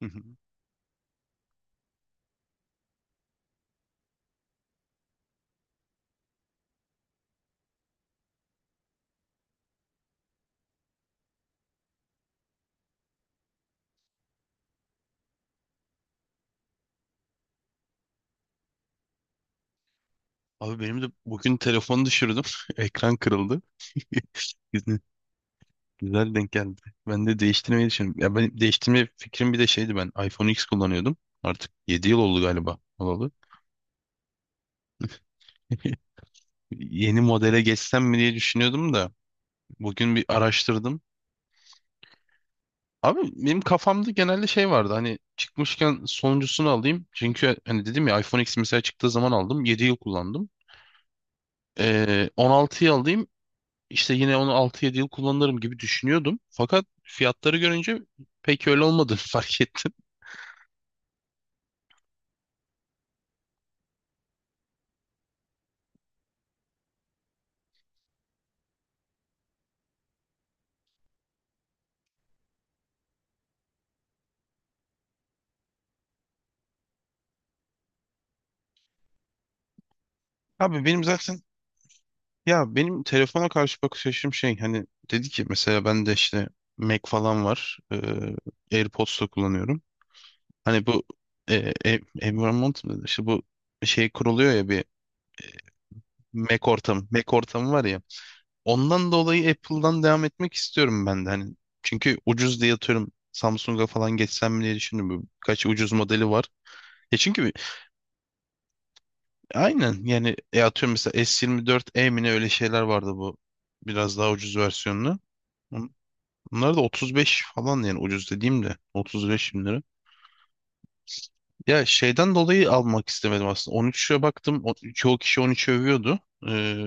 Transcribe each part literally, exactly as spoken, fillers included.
Hı hı. Abi benim de bugün telefonu düşürdüm. Ekran kırıldı. Güzel güzel denk geldi. Ben de değiştirmeyi düşünüyorum. Ya ben değiştirme fikrim bir de şeydi ben. iPhone X kullanıyordum. Artık yedi yıl oldu galiba olalı. Yeni modele geçsem mi diye düşünüyordum da bugün bir araştırdım. Abi benim kafamda genelde şey vardı hani çıkmışken sonuncusunu alayım. Çünkü hani dedim ya iPhone X mesela çıktığı zaman aldım. Yedi yıl kullandım. Ee, on altıyı alayım. İşte yine onu altı yedi yıl kullanırım gibi düşünüyordum. Fakat fiyatları görünce pek öyle olmadığını fark ettim. Abi benim zaten ya benim telefona karşı bakış açım şey hani dedi ki mesela ben de işte Mac falan var. Ee, AirPods da kullanıyorum. Hani bu e, e, environment mı dedi? İşte bu şey kuruluyor ya bir Mac ortamı. Mac ortamı var ya. Ondan dolayı Apple'dan devam etmek istiyorum ben de. Hani çünkü ucuz diye atıyorum Samsung'a falan geçsem mi diye düşündüm. Kaç ucuz modeli var. E çünkü aynen yani e atıyorum mesela S yirmi dört e mi ne öyle şeyler vardı bu. Biraz daha ucuz versiyonlu. Bun- Bunlar da otuz beş falan yani ucuz dediğim de otuz beş bin lira. Ya şeyden dolayı almak istemedim aslında. on üçe baktım. O- Çoğu kişi on üçü övüyordu. Ee,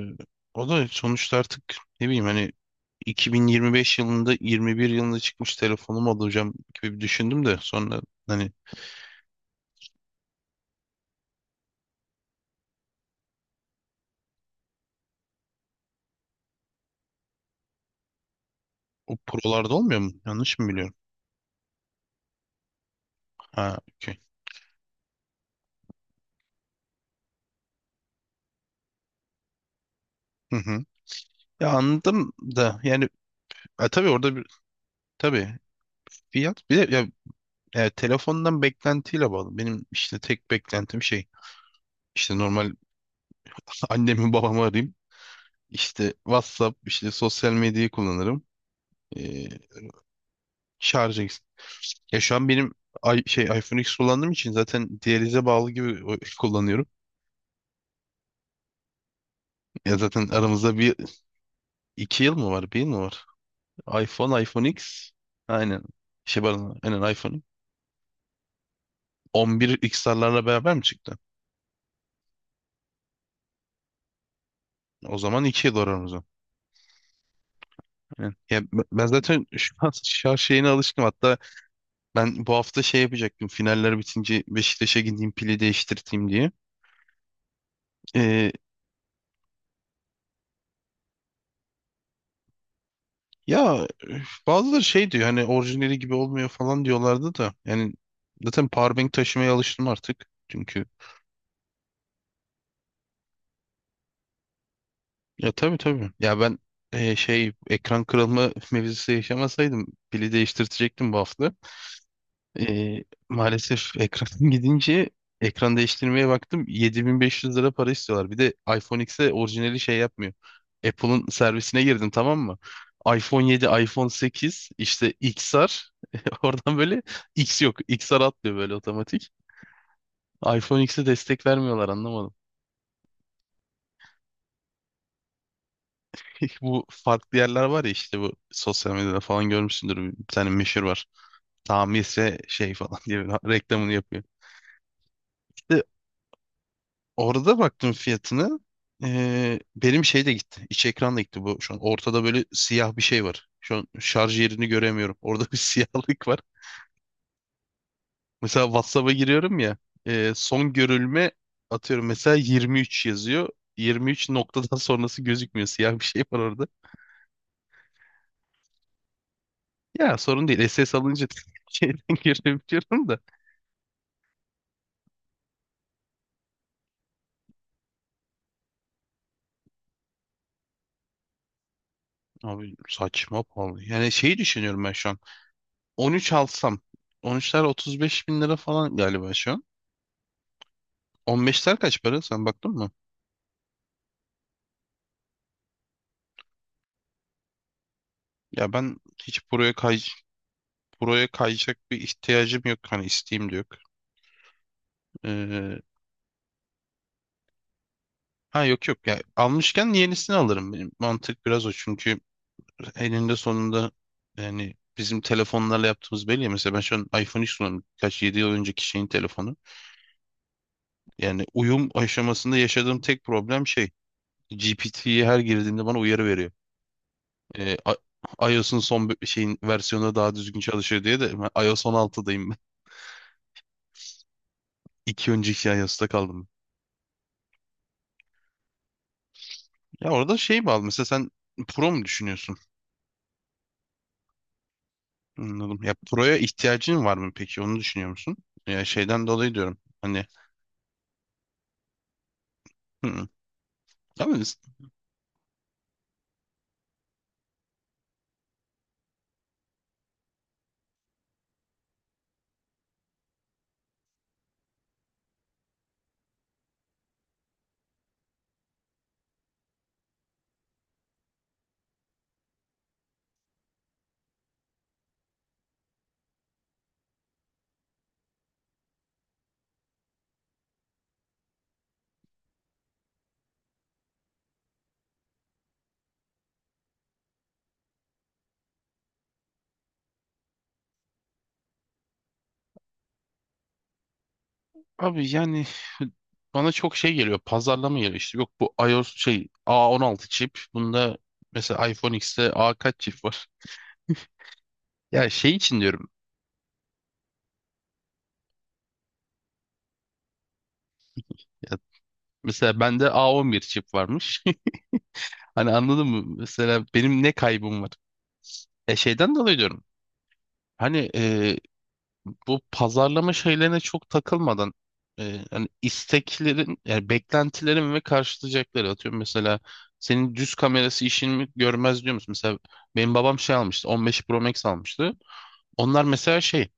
O da sonuçta artık ne bileyim hani iki bin yirmi beş yılında yirmi bir yılında çıkmış telefonumu alacağım gibi bir düşündüm de sonra hani o prolarda olmuyor mu? Yanlış mı biliyorum? Ha, okey. Hı hı. Ya anladım da yani e, tabii orada bir, tabii fiyat bir de ya, e, telefondan beklentiyle bağlı. Benim işte tek beklentim şey işte normal annemi babamı arayayım. İşte WhatsApp işte sosyal medyayı kullanırım. E, şarj eks- Ya şu an benim i- şey iPhone X kullandığım için zaten diyalize bağlı gibi o- kullanıyorum. Ya zaten aramızda bir iki yıl mı var? Bir yıl mı var? iPhone, iPhone X. Aynen. Şey pardon. Aynen iPhone. on bir X R'larla beraber mi çıktı? O zaman iki yıl var aramızda. Aynen. Ya b- ben zaten şu an şarj şeyine alışkınım. Hatta ben bu hafta şey yapacaktım. Finaller bitince Beşiktaş'a gideyim pili değiştirteyim diye. Ee, Ya bazıları şey diyor hani orijinali gibi olmuyor falan diyorlardı da. Yani zaten powerbank taşımaya alıştım artık. Çünkü. Ya tabii tabii. Ya ben e, şey ekran kırılma mevzusu yaşamasaydım pili değiştirtecektim bu hafta. E, Maalesef ekran gidince ekran değiştirmeye baktım yedi bin beş yüz lira para istiyorlar. Bir de iPhone X'e orijinali şey yapmıyor. Apple'ın servisine girdim tamam mı? iPhone yedi, iPhone sekiz işte X R oradan böyle X yok. X R atlıyor böyle otomatik. iPhone X'e destek vermiyorlar anlamadım. Bu farklı yerler var ya işte bu sosyal medyada falan görmüşsündür. Bir tane meşhur var. Tamirse şey falan diye bir reklamını yapıyor. İşte orada baktım fiyatını. Ee, benim şey de gitti. İç ekran da gitti bu. Şu an ortada böyle siyah bir şey var. Şu an şarj yerini göremiyorum. Orada bir siyahlık var. Mesela WhatsApp'a giriyorum ya. Ee, son görülme atıyorum mesela yirmi üç yazıyor. yirmi üç noktadan sonrası gözükmüyor. Siyah bir şey var orada. Ya sorun değil. S S alınca şeyden görebiliyorum da. Abi saçma pahalı. Yani şeyi düşünüyorum ben şu an. on üç alsam. on üçler otuz beş bin lira falan galiba şu an. on beşler kaç para? Sen baktın mı? Ya ben hiç buraya kay buraya kayacak bir ihtiyacım yok. Hani isteğim de yok. Ee, ha, yok yok. Ya almışken yenisini alırım. Benim mantık biraz o. Çünkü eninde sonunda yani bizim telefonlarla yaptığımız belli ya. Mesela ben şu an iPhone X kullanıyorum. Kaç yedi yıl önceki şeyin telefonu. Yani uyum aşamasında yaşadığım tek problem şey. G P T'ye her girdiğinde bana uyarı veriyor. Ee, I- iOS'un son bir- şeyin versiyonu daha düzgün çalışıyor diye de ben iOS on altıdayım ben. İki önceki iOS'ta kaldım. Ya orada şey bağlı mesela sen Pro mu düşünüyorsun? Anladım. Ya Pro'ya ihtiyacın var mı peki? Onu düşünüyor musun? Ya şeyden dolayı diyorum. Hani hı. Ama abi yani bana çok şey geliyor. Pazarlama geliyor işte. Yok bu iOS şey A on altı çip. Bunda mesela iPhone X'te A kaç çip var? Ya şey için diyorum. Mesela bende A on bir çip varmış. Hani anladın mı? Mesela benim ne kaybım var? E şeyden dolayı diyorum. Hani e, bu pazarlama şeylerine çok takılmadan e, hani isteklerin yani beklentilerin ve karşılayacakları atıyorum mesela senin düz kamerası işini mi görmez diyor musun? Mesela benim babam şey almıştı on beş Pro Max almıştı. Onlar mesela şey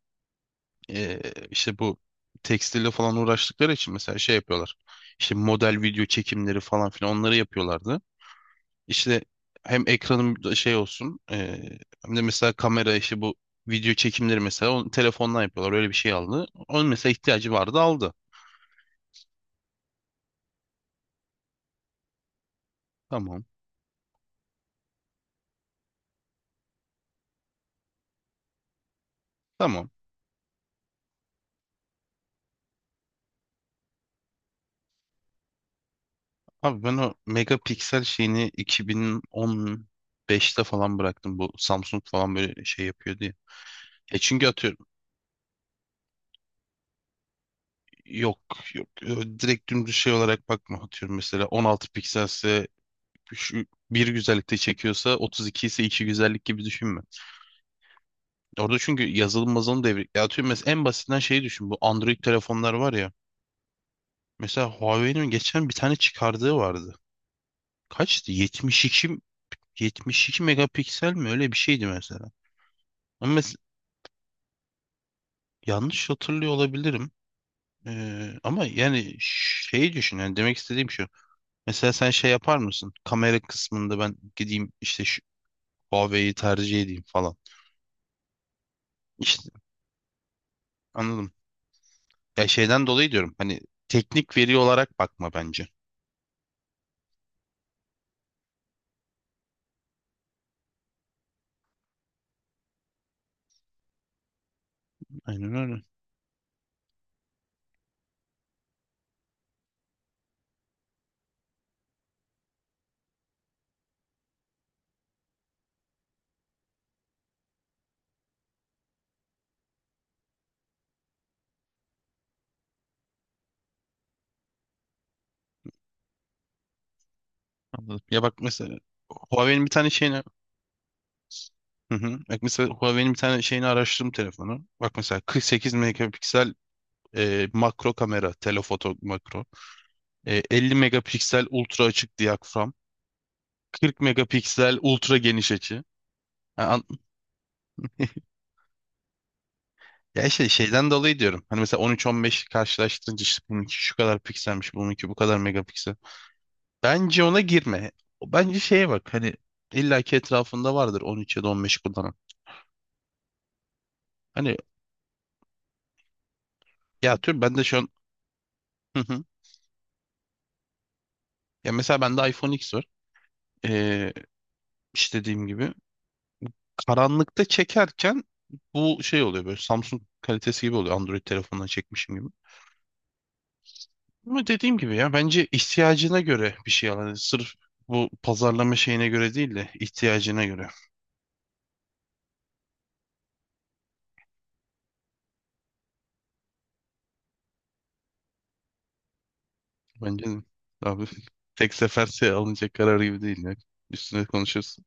e, işte bu tekstille falan uğraştıkları için mesela şey yapıyorlar. İşte model video çekimleri falan filan onları yapıyorlardı. İşte hem ekranım da şey olsun eee, hem de mesela kamera işi bu video çekimleri mesela onu telefondan yapıyorlar öyle bir şey aldı. Onun mesela ihtiyacı vardı aldı. Tamam. Tamam. Abi ben o megapiksel şeyini iki bin on beşte falan bıraktım. Bu Samsung falan böyle şey yapıyor diye. E çünkü atıyorum yok yok e, direkt dümdüz şey olarak bakma atıyorum mesela on altı pikselse şu bir güzellikte çekiyorsa otuz iki ise iki güzellik gibi düşünme. Orada çünkü yazılım mazılım devri. Ya atıyorum mesela en basitinden şeyi düşün. Bu Android telefonlar var ya. Mesela Huawei'nin geçen bir tane çıkardığı vardı. Kaçtı? 72 iki megapiksel mi? Öyle bir şeydi mesela. Ama mes- yanlış hatırlıyor olabilirim. Ee, ama yani şeyi düşün. Yani demek istediğim şu. Mesela sen şey yapar mısın? Kamera kısmında ben gideyim işte şu Huawei'yi tercih edeyim falan. İşte anladım. Ya şeyden dolayı diyorum. Hani teknik veri olarak bakma bence. Aynen öyle. Anladım. Ya bak mesela Huawei'nin bir tane şeyini. Hı hı. Bak mesela Huawei'nin bir tane şeyini araştırdım telefonu. Bak mesela kırk sekiz megapiksel e, makro kamera, telefoto makro. E, elli megapiksel ultra açık diyafram. kırk megapiksel ultra geniş açı. Ha, an- ya şey şeyden dolayı diyorum. Hani mesela on üç on beş karşılaştırınca işte bununki şu kadar pikselmiş, bununki bu kadar megapiksel. Bence ona girme. Bence şeye bak hani illaki etrafında vardır on üç ya da on beş kullanan. Hani ya tüm ben de şu an. Hı hı. Ya mesela bende iPhone X var. Ee, işte dediğim gibi karanlıkta çekerken bu şey oluyor böyle Samsung kalitesi gibi oluyor Android telefondan çekmişim gibi. Ama dediğim gibi ya bence ihtiyacına göre bir şey al. Hani sırf bu pazarlama şeyine göre değil de ihtiyacına göre. Bence de. Abi tek sefer şey alınacak karar gibi değil ya. Üstüne konuşuruz.